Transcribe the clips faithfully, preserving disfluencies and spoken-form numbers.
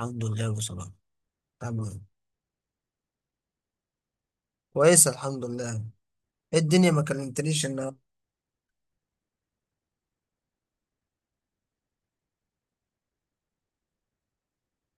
الحمد لله بصراحة. تمام. كويس الحمد لله. ايه الدنيا ما كلمتنيش؟ ان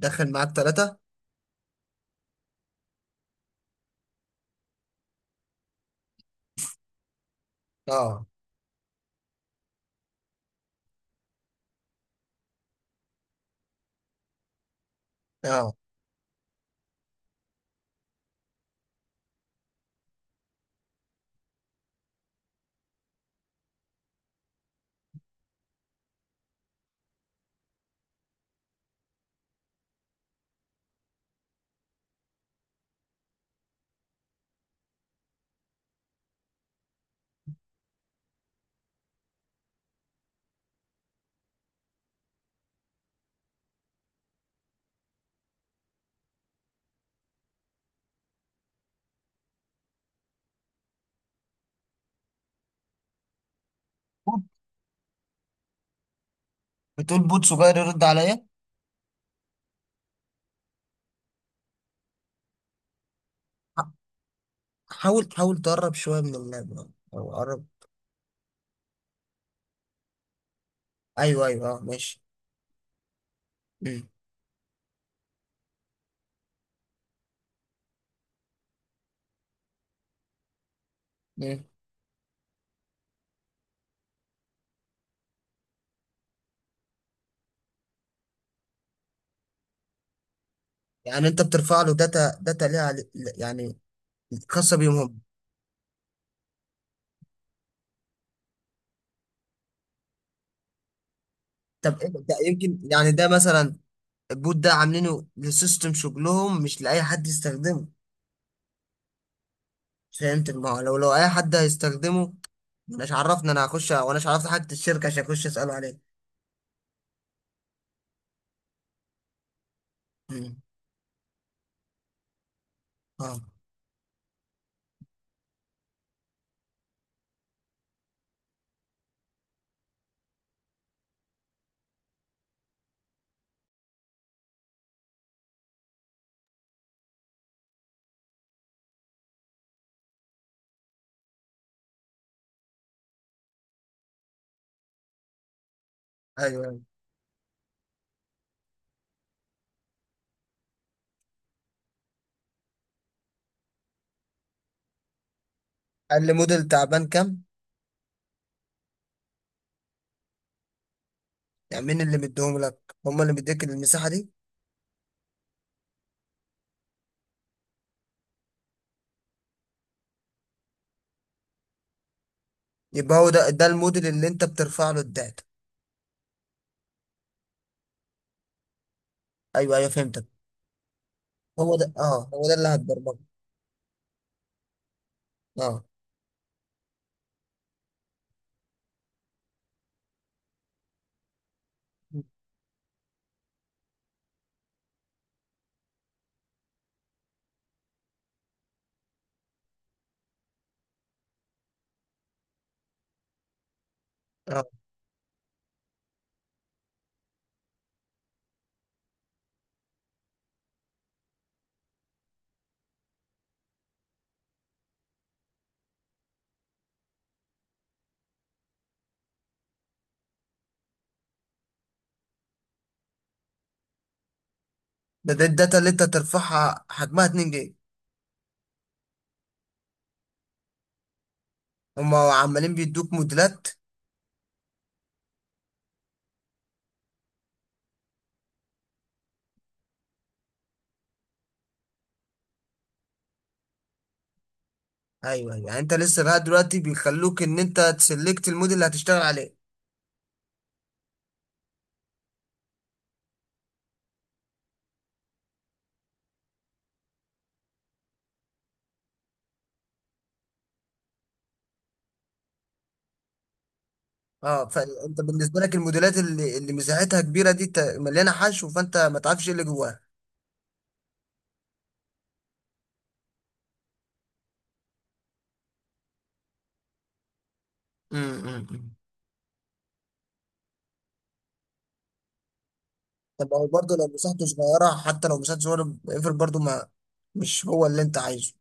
داخل معاك ثلاثة. اه. اه. بود؟ بتقول بود صغير يرد عليا؟ ح- حاول حاول تقرب شوية من اللاب آه، او قرب. ايوه ايوه اه ماشي. مم. مم. يعني انت بترفع له داتا، داتا ليها عل- يعني خاصة بيهم هم؟ طب إيه ده؟ يمكن يعني ده مثلا البوت ده عاملينه لسيستم شغلهم، مش لأي حد يستخدمه. فهمت؟ ما هو لو لو أي حد هيستخدمه، مش عرفني انا هخش واناش عرفت حاجه الشركه عشان اخش اساله عليه. مم. اه. ايوه ايوه. قال لي موديل تعبان كام؟ يعني مين اللي مديهم لك؟ هم اللي مديك المساحه دي؟ يبقى هو ده ده الموديل اللي انت بترفع له الداتا؟ ايوه ايوه فهمتك. هو ده، اه هو ده اللي هتبرمجه. اه. اه. ده, ده الداتا اللي انت ترفعها حجمها اتنين جيجا؟ هم عمالين بيدوك موديلات؟ ايوه ايوه، يعني انت لسه لغايه دلوقتي بيخلوك ان انت تسلكت الموديل اللي هتشتغل عليه؟ اه، فانت بالنسبه لك الموديلات اللي اللي مساحتها كبيره دي ت- مليانه حشو، فانت ما تعرفش ايه اللي جواها. امم. طب او برضه لو مساحته صغيره، حتى لو مساحته صغيره اقفل برضه، ما مش هو اللي انت عايزه.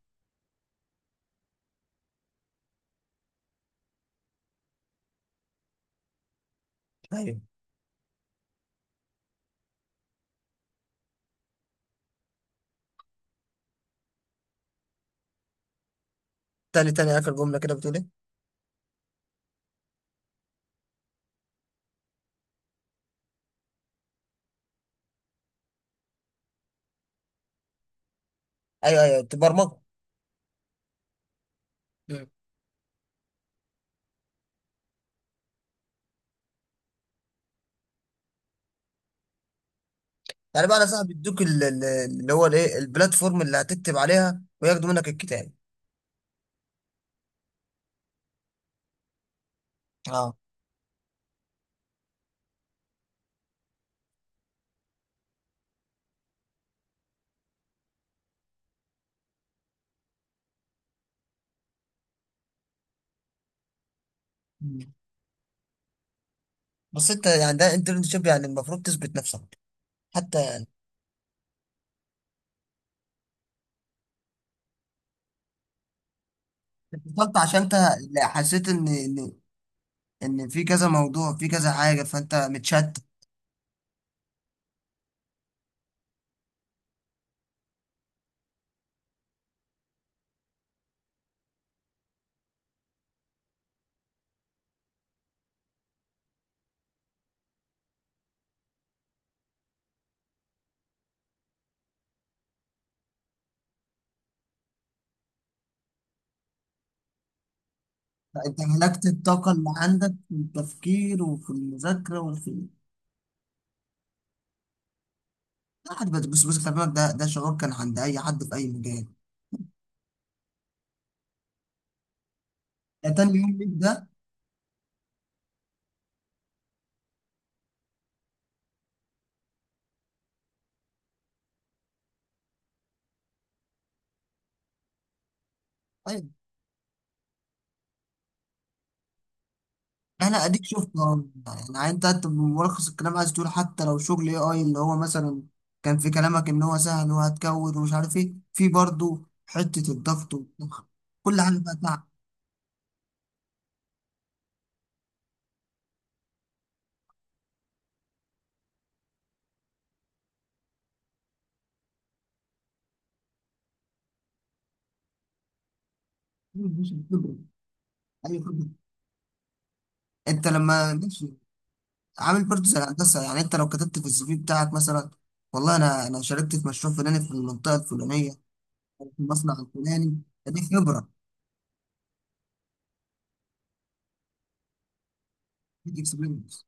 ايوه. تاني تاني، اخر جمله كده بتقول ايه؟ ايوه ايوه تبرمجه. مم. يعني بقى انا صاحب بيدوك ال- ال- اللي هو الايه، البلاتفورم اللي هتكتب عليها وياخدوا منك الكتاب؟ اه. مم. بس انت يعني ده انترنشيب، يعني المفروض تثبت نفسك حتى، يعني اتفضلت عشان انت حسيت ان ان ان في كذا موضوع، في كذا حاجه، فانت متشتت. انت ملكت الطاقه اللي عندك في التفكير وفي المذاكره وفي. لا حد، بس بس خلي بالك، ده ده شعور كان عند اي حد في اي مجال. ده تاني يوم ليك ده. طيب انا اديك شفت أهو. يعني انت انت ملخص الكلام عايز تقول حتى لو شغل اي اي، اللي هو مثلا كان في كلامك ان هو سهل وهتكود ومش عارف ايه، في برضه حته الضغط والضغط، كل حاجه بقى تعب. اي خبره. أيوة خبرة. انت لما ماشي عامل برضه زي الهندسة، يعني انت لو كتبت في السي في بتاعك مثلا والله انا انا شاركت في مشروع فلاني في المنطقة الفلانية أو في المصنع الفلاني، فدي خبرة. دي اكسبيرينس.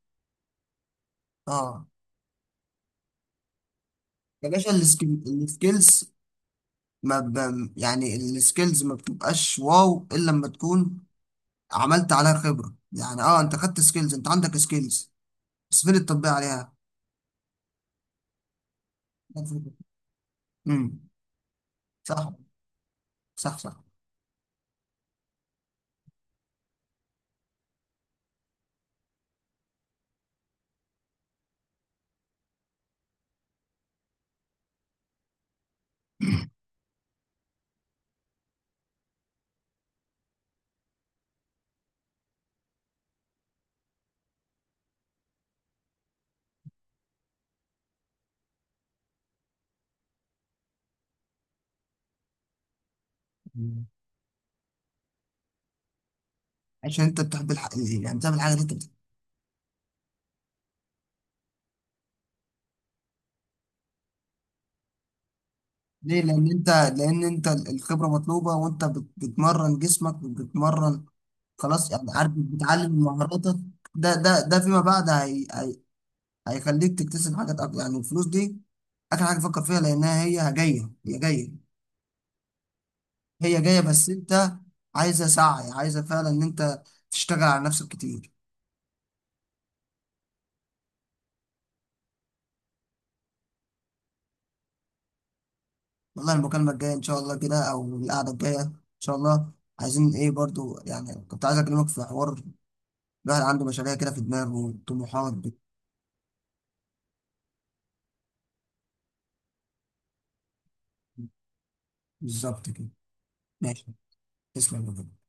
اه. يا باشا، السكيل- السكيلز ما ب... يعني السكيلز ما بتبقاش واو الا لما تكون عملت عليها خبرة، يعني اه انت خدت سكيلز، انت عندك سكيلز، بس فين التطبيق عليها؟ امم. صح. صح صح. مم. عشان انت بتحب الح... يعني بتعمل حاجة اللي انت. ليه؟ لان انت لان انت الخبره مطلوبه، وانت بت- بتمرن جسمك وبتمرن. خلاص يعني عارف، بتعلم مهاراتك. ده ده ده فيما بعد هي هي هيخليك تكتسب حاجات اكتر. يعني الفلوس دي اخر حاجه فكر فيها، لانها هي جايه، هي جايه، هي جايه، بس انت عايزه سعي، عايزه فعلا ان انت تشتغل على نفسك كتير. والله المكالمه الجايه ان شاء الله كده او القعده الجايه ان شاء الله، عايزين ايه برضو؟ يعني كنت عايز اكلمك في حوار. الواحد عنده مشاريع كده في دماغه وطموحات. بالظبط كده. ماشي. تسلم يا بابا.